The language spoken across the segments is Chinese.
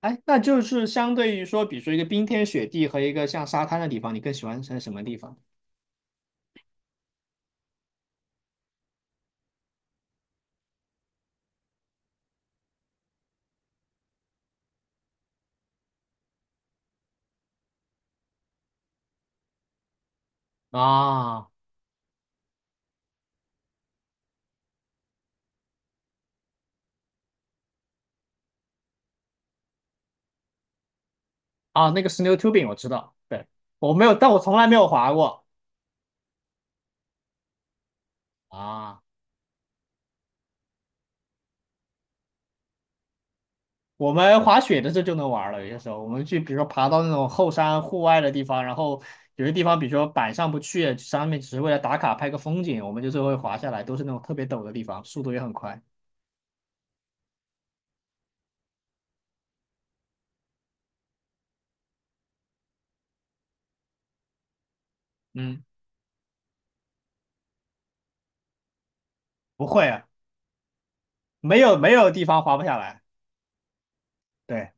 哎，那就是相对于说，比如说一个冰天雪地和一个像沙滩的地方，你更喜欢在什么地方？啊啊，那个 snow tubing 我知道，对，我没有，但我从来没有滑过啊。我们滑雪的这就能玩儿了，有些时候我们去，比如说爬到那种后山户外的地方，然后有些地方，比如说板上不去，上面只是为了打卡拍个风景，我们就最后会滑下来，都是那种特别陡的地方，速度也很快。嗯，不会啊，没有没有地方滑不下来。对。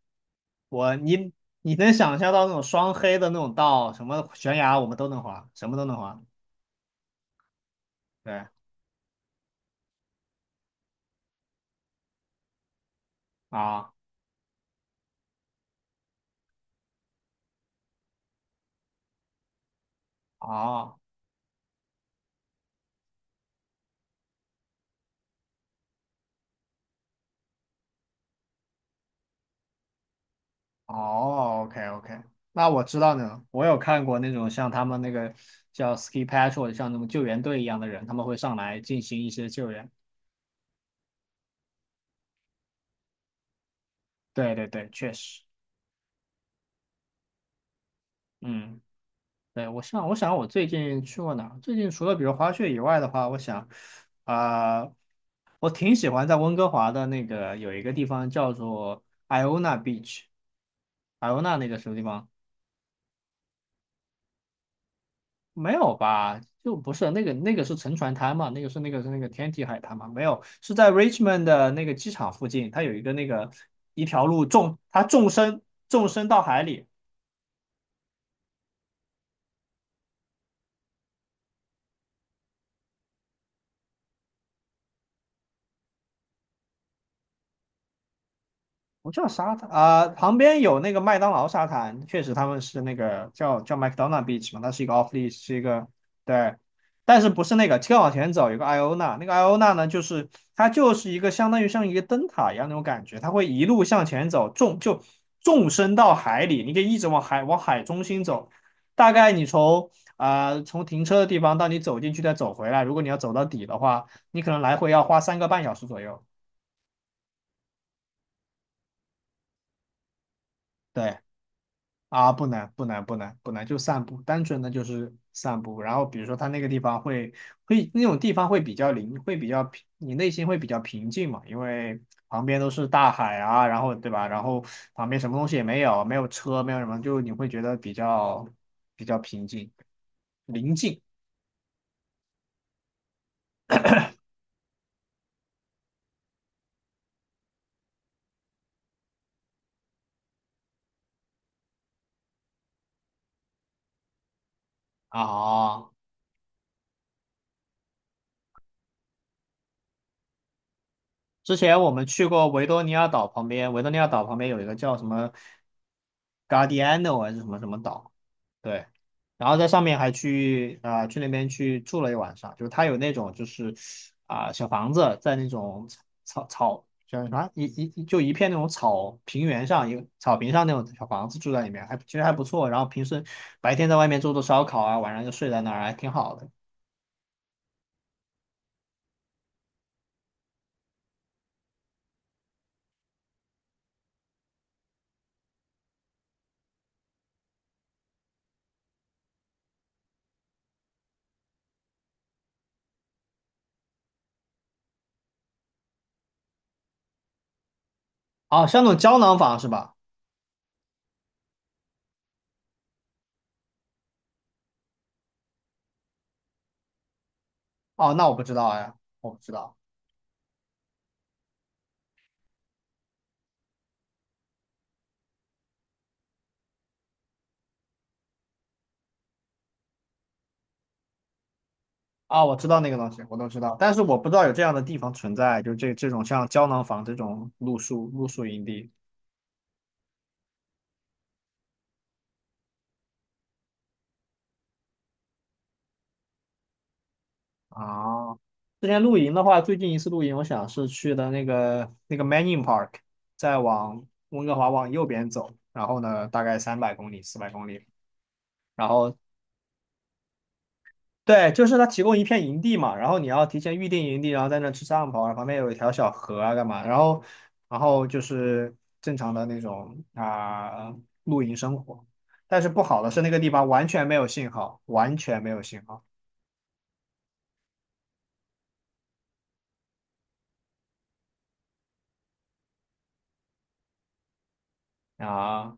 我你你能想象到那种双黑的那种道，什么悬崖我们都能滑，什么都能滑。对啊，哦哦，OK OK,那我知道呢，我有看过那种像他们那个叫 ski patrol，像那种救援队一样的人，他们会上来进行一些救援。对对对，确实，嗯。对，我想我最近去过哪儿？最近除了比如滑雪以外的话，我想，啊、我挺喜欢在温哥华的那个有一个地方叫做 Iona Beach，艾欧娜那个什么地方？没有吧？就不是那个是沉船滩嘛，那个是那个天体海滩嘛？没有，是在 Richmond 的那个机场附近，它有一个那个一条路纵深到海里，不叫沙滩啊、旁边有那个麦当劳沙滩，确实他们是那个叫 McDonald Beach 嘛，它是一个 off leash，是一个对，但是不是那个，再往前走有个艾欧娜，那个艾欧娜呢，就是它就是一个相当于像一个灯塔一样那种感觉，它会一路向前走，纵深到海里，你可以一直往海中心走，大概你从从停车的地方到你走进去再走回来，如果你要走到底的话，你可能来回要花3个半小时左右。对，不难，不难，不难，不难，就散步，单纯的就是散步。然后比如说它那个地方会那种地方会比较灵，会比较平，你内心会比较平静嘛，因为旁边都是大海啊，然后对吧？然后旁边什么东西也没有，没有车，没有什么，就你会觉得比较平静，宁静啊。之前我们去过维多利亚岛旁边，维多利亚岛旁边有一个叫什么 Guardiano 还是什么什么岛，对，然后在上面还去那边去住了一晚上，就是它有那种小房子在那种草草叫什么一一就一片那种草平原上一个草坪上那种小房子住在里面，其实还不错。然后平时白天在外面做做烧烤啊，晚上就睡在那儿，还挺好的。哦，像那种胶囊房是吧？哦，那我不知道呀，我不知道。啊，我知道那个东西，我都知道，但是我不知道有这样的地方存在，就是这种像胶囊房这种露宿营地啊。之前露营的话，最近一次露营，我想是去的那个 Manning Park，再往温哥华往右边走，然后呢，大概300公里、400公里，然后对，就是他提供一片营地嘛，然后你要提前预定营地，然后在那吃烧烤，然后旁边有一条小河啊，干嘛？然后，然后就是正常的那种露营生活。但是不好的是那个地方完全没有信号，完全没有信号啊。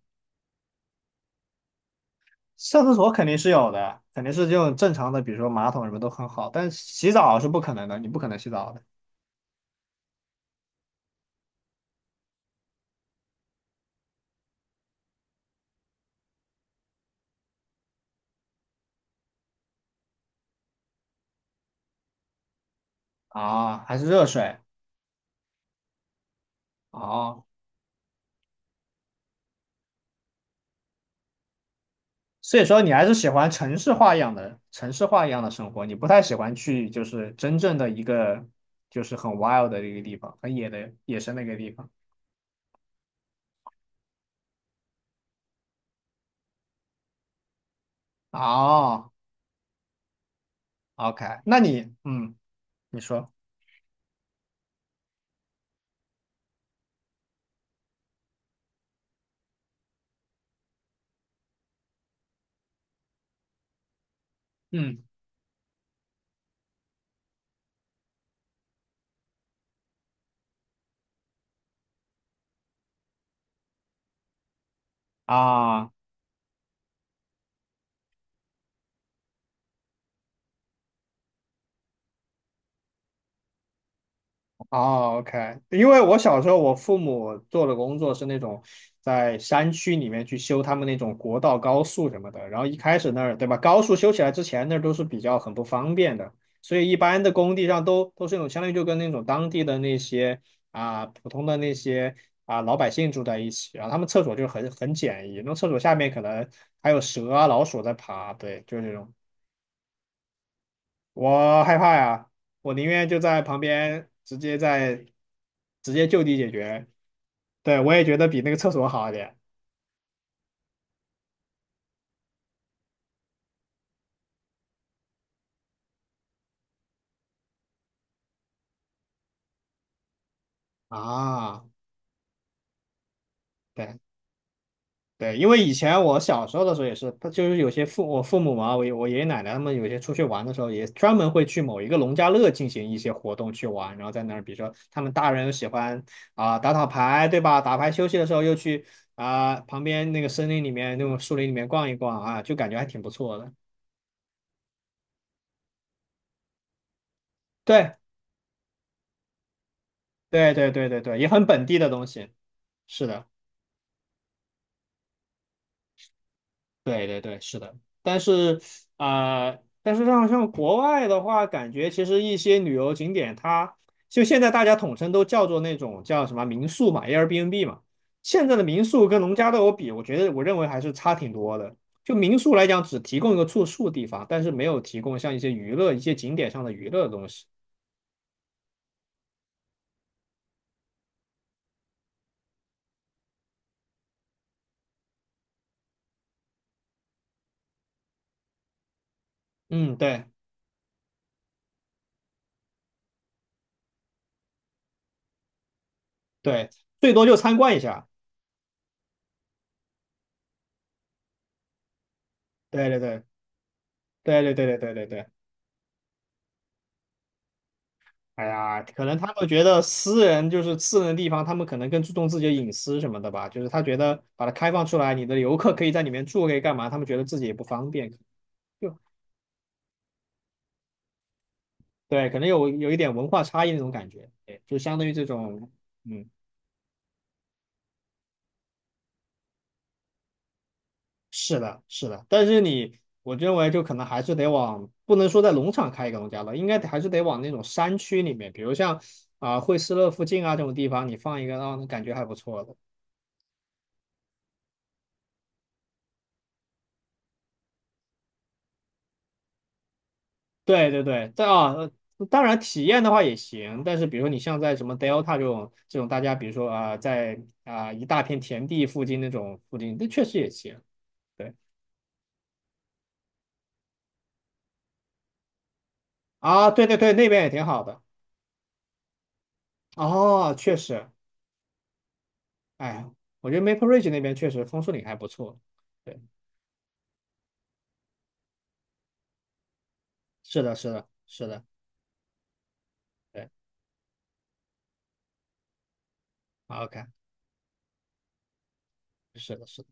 上厕所肯定是有的，肯定是这种正常的，比如说马桶什么都很好，但是洗澡是不可能的，你不可能洗澡的啊，还是热水啊，所以说你还是喜欢城市化一样的生活，你不太喜欢去就是真正的一个就是很 wild 的一个地方，很野的野生的一个地方。哦，OK，那你你说嗯啊。哦，OK，因为我小时候我父母做的工作是那种在山区里面去修他们那种国道、高速什么的，然后一开始那儿，对吧？高速修起来之前那儿都是比较很不方便的，所以一般的工地上都是那种相当于就跟那种当地的那些普通的那些老百姓住在一起，然后他们厕所就很简易，那厕所下面可能还有蛇啊、老鼠在爬，对，就是这种。我害怕呀，我宁愿就在旁边直接就地解决。对，我也觉得比那个厕所好一点啊。对对，因为以前我小时候的时候也是，他就是有些我父母嘛，我爷爷奶奶他们有些出去玩的时候，也专门会去某一个农家乐进行一些活动去玩，然后在那儿，比如说他们大人又喜欢打打牌，对吧？打牌休息的时候又去旁边那个森林里面那种树林里面逛一逛啊，就感觉还挺不错的。对，对对对对对，也很本地的东西。是的，对对对，是的。但是但是像国外的话，感觉其实一些旅游景点它，就现在大家统称都叫做那种叫什么民宿嘛，Airbnb 嘛。现在的民宿跟农家乐我觉得我认为还是差挺多的。就民宿来讲，只提供一个住宿地方，但是没有提供像一些娱乐、一些景点上的娱乐的东西。嗯，对对，最多就参观一下。对对对对对对对对对对。哎呀，可能他们觉得私人就是私人的地方，他们可能更注重自己的隐私什么的吧。就是他觉得把它开放出来，你的游客可以在里面住，可以干嘛？他们觉得自己也不方便，就对，可能有一点文化差异那种感觉。对，就相当于这种，嗯，是的，是的。但是你，我认为就可能还是得往，不能说在农场开一个农家乐，应该还是得往那种山区里面，比如像惠斯勒附近啊这种地方，你放一个，让人感觉还不错的。对对对，但当然体验的话也行，但是比如说你像在什么 Delta 这种大家，比如说在一大片田地附近那种附近，那确实也行。对啊，对对对，那边也挺好的。哦，确实，哎，我觉得 Maple Ridge 那边确实枫树林还不错。对，是的，是的，是的，对啊，OK，是的，是的。